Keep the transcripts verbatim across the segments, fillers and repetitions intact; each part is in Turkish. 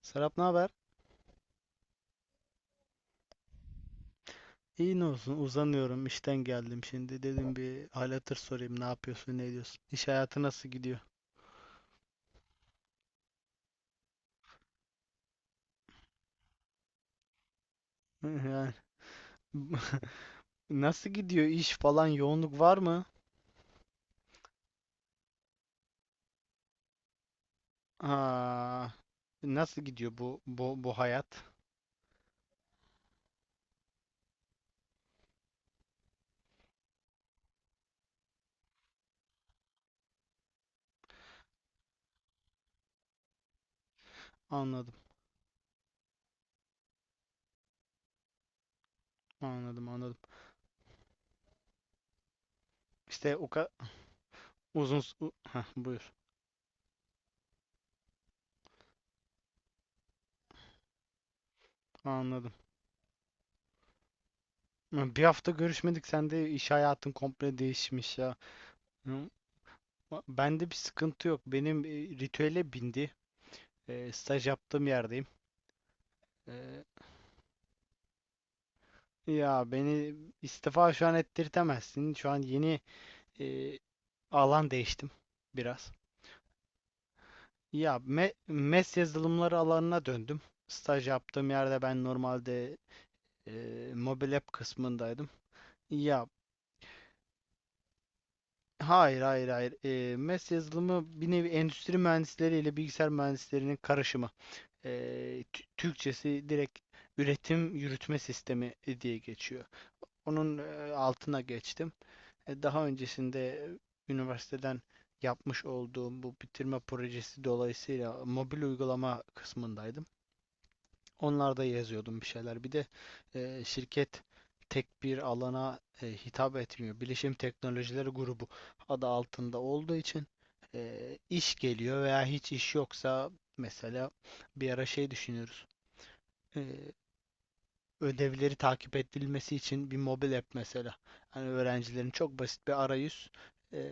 Serap, ne haber? İyi, ne olsun, uzanıyorum, işten geldim şimdi, dedim bir hal hatır sorayım, ne yapıyorsun, ne ediyorsun, iş hayatı nasıl gidiyor? Yani. Nasıl gidiyor iş falan, yoğunluk var mı? Aa, nasıl gidiyor bu bu bu hayat? Anladım, anladım, anladım. İşte o kadar uzun s- u- heh, buyur. Anladım, bir hafta görüşmedik, sen de iş hayatın komple değişmiş ya. Hı, ba- bende bir sıkıntı yok, benim e, ritüele bindi. E, staj yaptığım yerdeyim. ee, Ya beni istifa şu an ettirtemezsin. Şu an yeni e, alan değiştim biraz. Ya me- M E S yazılımları alanına döndüm. Staj yaptığım yerde ben normalde e, mobil app kısmındaydım. Ya, hayır hayır hayır. E, M E S yazılımı bir nevi endüstri mühendisleri ile bilgisayar mühendislerinin karışımı. E, Tü- Türkçesi direkt üretim yürütme sistemi diye geçiyor. Onun e, altına geçtim. E, Daha öncesinde üniversiteden yapmış olduğum bu bitirme projesi dolayısıyla mobil uygulama kısmındaydım. Onlarda yazıyordum bir şeyler. Bir de e, şirket tek bir alana e, hitap etmiyor. Bilişim Teknolojileri Grubu adı altında olduğu için e, iş geliyor veya hiç iş yoksa mesela bir ara şey düşünüyoruz. E, Ödevleri takip edilmesi için bir mobil app mesela. Yani öğrencilerin çok basit bir arayüz. e,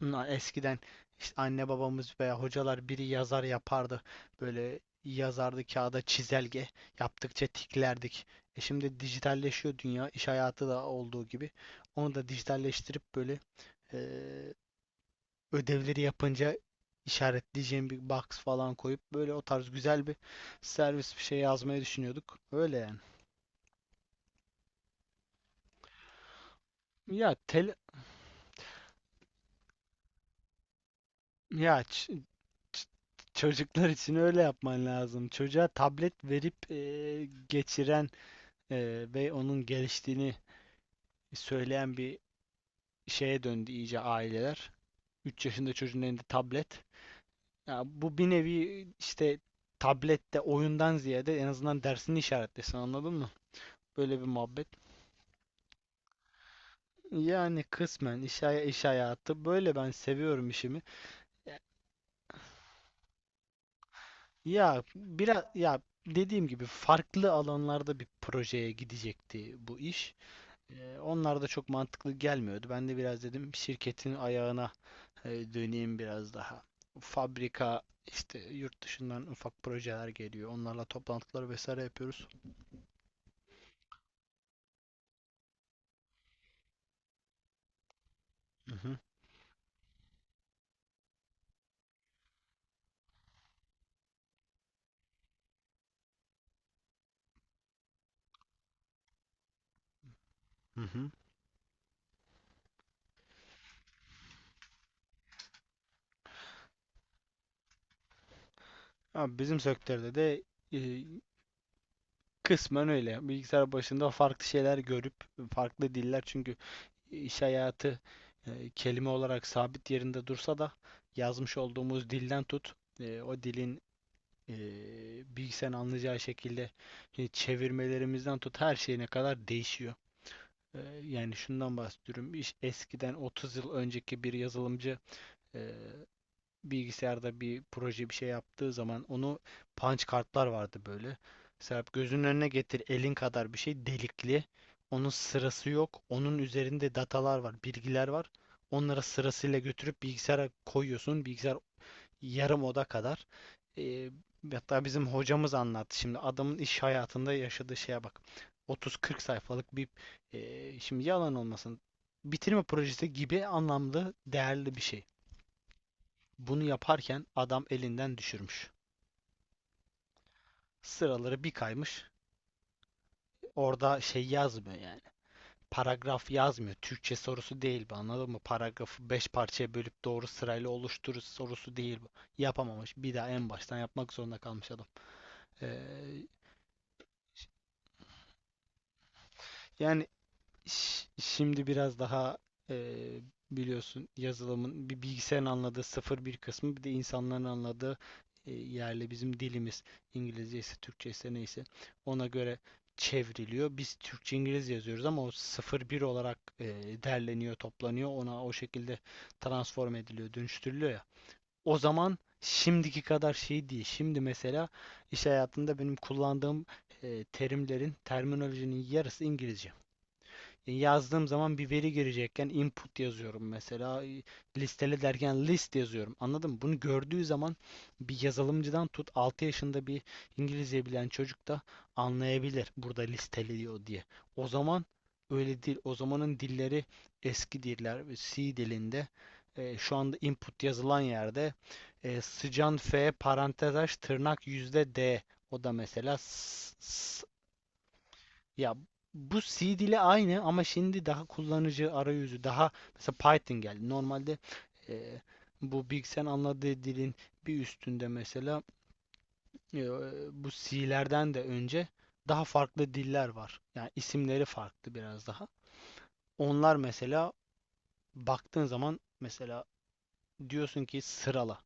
Na- Eskiden işte anne babamız veya hocalar biri yazar yapardı. Böyle yazardı kağıda çizelge. Yaptıkça tiklerdik. E şimdi dijitalleşiyor dünya, iş hayatı da olduğu gibi. Onu da dijitalleştirip böyle eee, ödevleri yapınca işaretleyeceğim bir box falan koyup böyle o tarz güzel bir servis bir şey yazmayı düşünüyorduk. Öyle yani. Ya tel ya ç- ç- çocuklar için öyle yapman lazım. Çocuğa tablet verip eee, geçiren Ee, ve onun geliştiğini söyleyen bir şeye döndü iyice aileler. Üç yaşında çocuğun elinde tablet. Ya bu bir nevi işte tablette oyundan ziyade en azından dersini işaretlesin, anladın mı? Böyle bir muhabbet. Yani kısmen iş, hay- iş hayatı böyle, ben seviyorum işimi. Ya biraz, ya dediğim gibi farklı alanlarda bir projeye gidecekti bu iş. Ee, onlar da çok mantıklı gelmiyordu. Ben de biraz dedim şirketin ayağına e, döneyim biraz daha. Fabrika işte yurt dışından ufak projeler geliyor. Onlarla toplantılar vesaire yapıyoruz. Hı hı, hı hı. Ama bizim sektörde de e, kısmen öyle. Bilgisayar başında farklı şeyler görüp farklı diller, çünkü iş hayatı e, kelime olarak sabit yerinde dursa da yazmış olduğumuz dilden tut, e, o dilin, e, bilgisayarın anlayacağı şekilde, e, çevirmelerimizden tut her şeyine kadar değişiyor. Ee, Yani şundan bahsediyorum. İş- Eskiden otuz yıl önceki bir yazılımcı e, bilgisayarda bir proje bir şey yaptığı zaman onu, punch kartlar vardı böyle. Serap, gözünün önüne getir, elin kadar bir şey delikli. Onun sırası yok. Onun üzerinde datalar var, bilgiler var. Onlara sırasıyla götürüp bilgisayara koyuyorsun. Bilgisayar yarım oda kadar. Ee, Hatta bizim hocamız anlattı. Şimdi adamın iş hayatında yaşadığı şeye bak. otuz kırk sayfalık bir, e, şimdi yalan olmasın, bitirme projesi gibi anlamlı değerli bir şey. Bunu yaparken adam elinden düşürmüş. Sıraları bir kaymış. Orada şey yazmıyor yani. Paragraf yazmıyor. Türkçe sorusu değil bu, anladın mı? Paragrafı beş parçaya bölüp doğru sırayla oluşturur sorusu değil bu. Yapamamış. Bir daha en baştan yapmak zorunda kalmış adam. Ee, Yani, Ş- Şimdi biraz daha, e, biliyorsun, yazılımın bir, bilgisayarın anladığı sıfır bir kısmı, bir de insanların anladığı, e, yerle bizim dilimiz İngilizce ise Türkçe ise neyse ona göre çevriliyor. Biz Türkçe İngilizce yazıyoruz ama o sıfır bir olarak e, derleniyor, toplanıyor. Ona o şekilde transform ediliyor, dönüştürülüyor ya. O zaman şimdiki kadar şey değil. Şimdi mesela iş hayatında benim kullandığım e, terimlerin, terminolojinin yarısı İngilizce. Yazdığım zaman bir veri girecekken input yazıyorum mesela. e, Listele derken list yazıyorum. Anladın mı? Bunu gördüğü zaman bir yazılımcıdan tut altı yaşında bir İngilizce bilen çocuk da anlayabilir burada listeliyor diye. O zaman öyle değil. O zamanın dilleri eski diller. C dilinde e, şu anda input yazılan yerde e, sıcan F parantez aç tırnak yüzde D, o da mesela s- s, ya bu C dili aynı, ama şimdi daha kullanıcı arayüzü, daha mesela Python geldi. Normalde e, bu bilgisayarın anladığı dilin bir üstünde mesela, e, bu C'lerden de önce daha farklı diller var. Yani isimleri farklı biraz daha. Onlar mesela baktığın zaman mesela diyorsun ki sırala.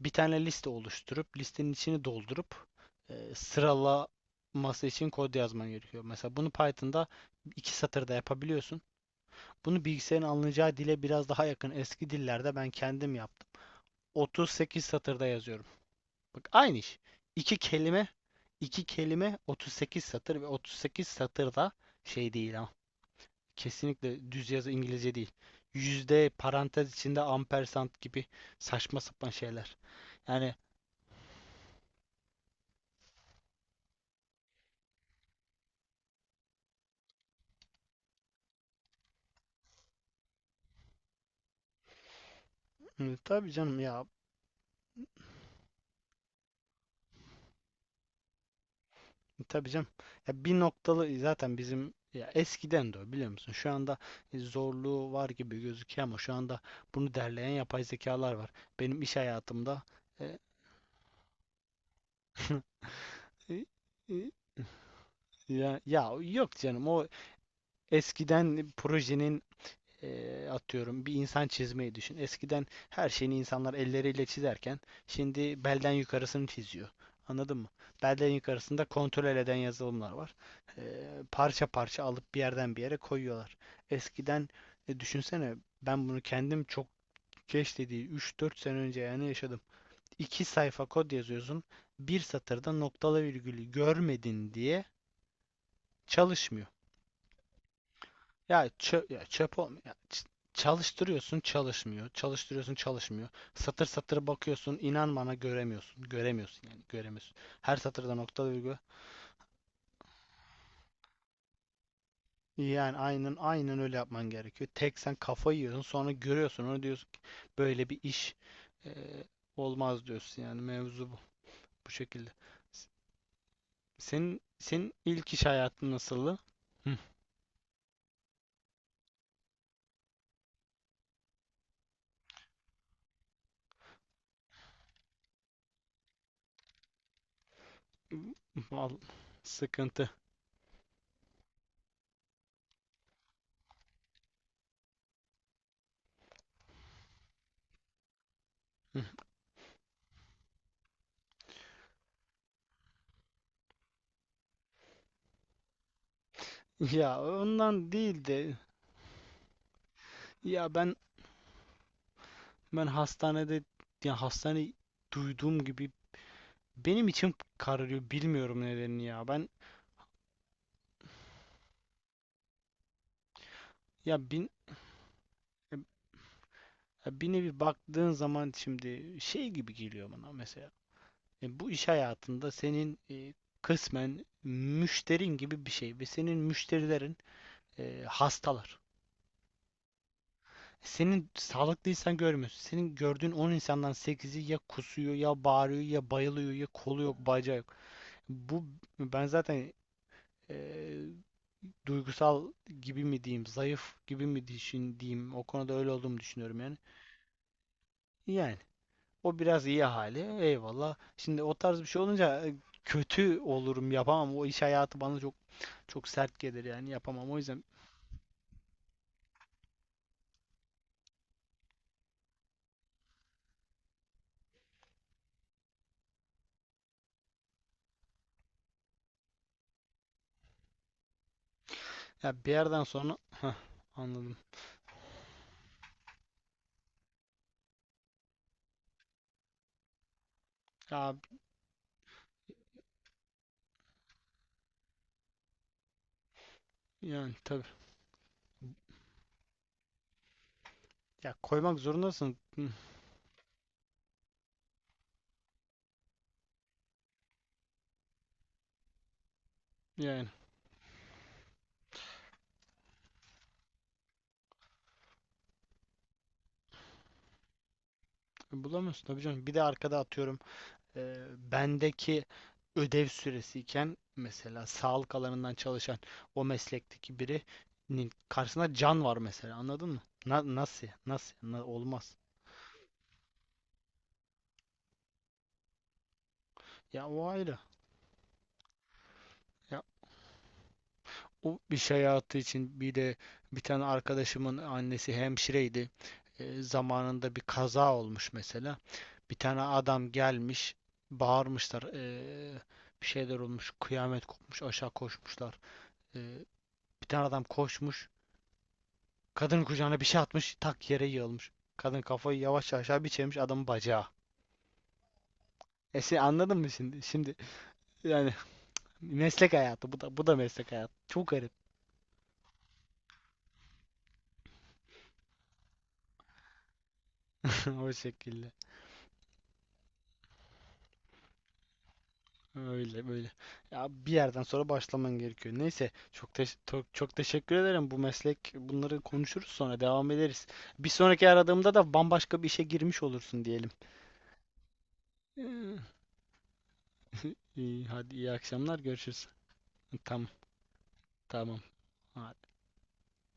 Bir tane liste oluşturup listenin içini doldurup e, sıralaması için kod yazman gerekiyor. Mesela bunu Python'da iki satırda yapabiliyorsun. Bunu bilgisayarın anlayacağı dile biraz daha yakın eski dillerde ben kendim yaptım. otuz sekiz satırda yazıyorum. Bak, aynı iş. İki kelime, iki kelime otuz sekiz satır, ve otuz sekiz satırda şey değil ama. Kesinlikle düz yazı İngilizce değil. Yüzde, parantez içinde ampersand gibi saçma sapan şeyler. Yani tabii canım ya. Tabii canım. Ya bir noktalı zaten bizim, ya eskiden de o, biliyor musun? Şu anda e, zorluğu var gibi gözüküyor, ama şu anda bunu derleyen yapay zekalar var. Benim iş hayatımda e, ya, ya yok canım, o eskiden projenin, Eee, atıyorum bir insan çizmeyi düşün. Eskiden her şeyini insanlar elleriyle çizerken şimdi belden yukarısını çiziyor. Anladın mı? Belden yukarısında kontrol eden yazılımlar var. Eee, parça parça alıp bir yerden bir yere koyuyorlar. Eskiden, e, düşünsene, ben bunu kendim çok geç dediği üç dört sene önce yani yaşadım. iki sayfa kod yazıyorsun. Bir satırda noktalı virgülü görmedin diye çalışmıyor. Ya çöp, ya çöp olmuyor. Çalıştırıyorsun çalışmıyor. Çalıştırıyorsun çalışmıyor. Satır satır bakıyorsun. İnan bana, göremiyorsun. Göremiyorsun, yani göremiyorsun. Her satırda nokta virgül. Yani aynen aynen öyle yapman gerekiyor. Tek sen kafayı yiyorsun, sonra görüyorsun onu, diyorsun ki böyle bir iş e, olmaz, diyorsun yani, mevzu bu. Bu şekilde. S- Senin, senin ilk iş hayatın nasıldı? Hı. Vallahi sıkıntı. Ya ondan değil de, ya ben ben hastanede, yani hastane duyduğum gibi benim içim kararıyor. Bilmiyorum nedenini ya. Ben, ya bin ya bir nevi baktığın zaman şimdi şey gibi geliyor bana mesela. E, bu iş hayatında senin, e, kısmen müşterin gibi bir şey ve senin müşterilerin e, hastalar. Senin sağlıklı insan görmüyorsun. Senin gördüğün on insandan sekizi ya kusuyor, ya bağırıyor, ya bayılıyor, ya kolu yok bacağı yok. Bu, ben zaten e, duygusal gibi mi diyeyim, zayıf gibi mi düşün diyeyim, o konuda öyle olduğumu düşünüyorum yani. Yani o biraz iyi hali. Eyvallah. Şimdi o tarz bir şey olunca e, kötü olurum, yapamam. O iş hayatı bana çok çok sert gelir yani, yapamam. O yüzden ya bir yerden sonra, heh, anladım. Ya yani tabii. Ya koymak zorundasın. Hı. Yani e, bulamıyorsun tabii canım. Bir de arkada atıyorum, e, bendeki ödev süresiyken mesela, sağlık alanından çalışan o meslekteki birinin karşısında can var mesela, anladın mı? Na- nasıl? Nasıl? Na- olmaz. Ya o ayrı. Ya o iş hayatı için bir de bir tane arkadaşımın annesi hemşireydi. E, zamanında bir kaza olmuş mesela. Bir tane adam gelmiş, bağırmışlar, e, bir şeyler olmuş, kıyamet kopmuş, aşağı koşmuşlar. E, Bir tane adam koşmuş, kadının kucağına bir şey atmış, tak yere yığılmış. Kadın kafayı yavaşça aşağı bir çevirmiş, adamın bacağı. E sen anladın mı şimdi? Şimdi yani meslek hayatı, bu da bu da meslek hayatı. Çok garip. O şekilde. Öyle böyle. Ya bir yerden sonra başlaman gerekiyor. Neyse çok teş- to- çok teşekkür ederim. Bu meslek, bunları konuşuruz sonra, devam ederiz. Bir sonraki aradığımda da bambaşka bir işe girmiş olursun diyelim. İyi, hadi, iyi akşamlar, görüşürüz. Tamam, tamam. Hadi.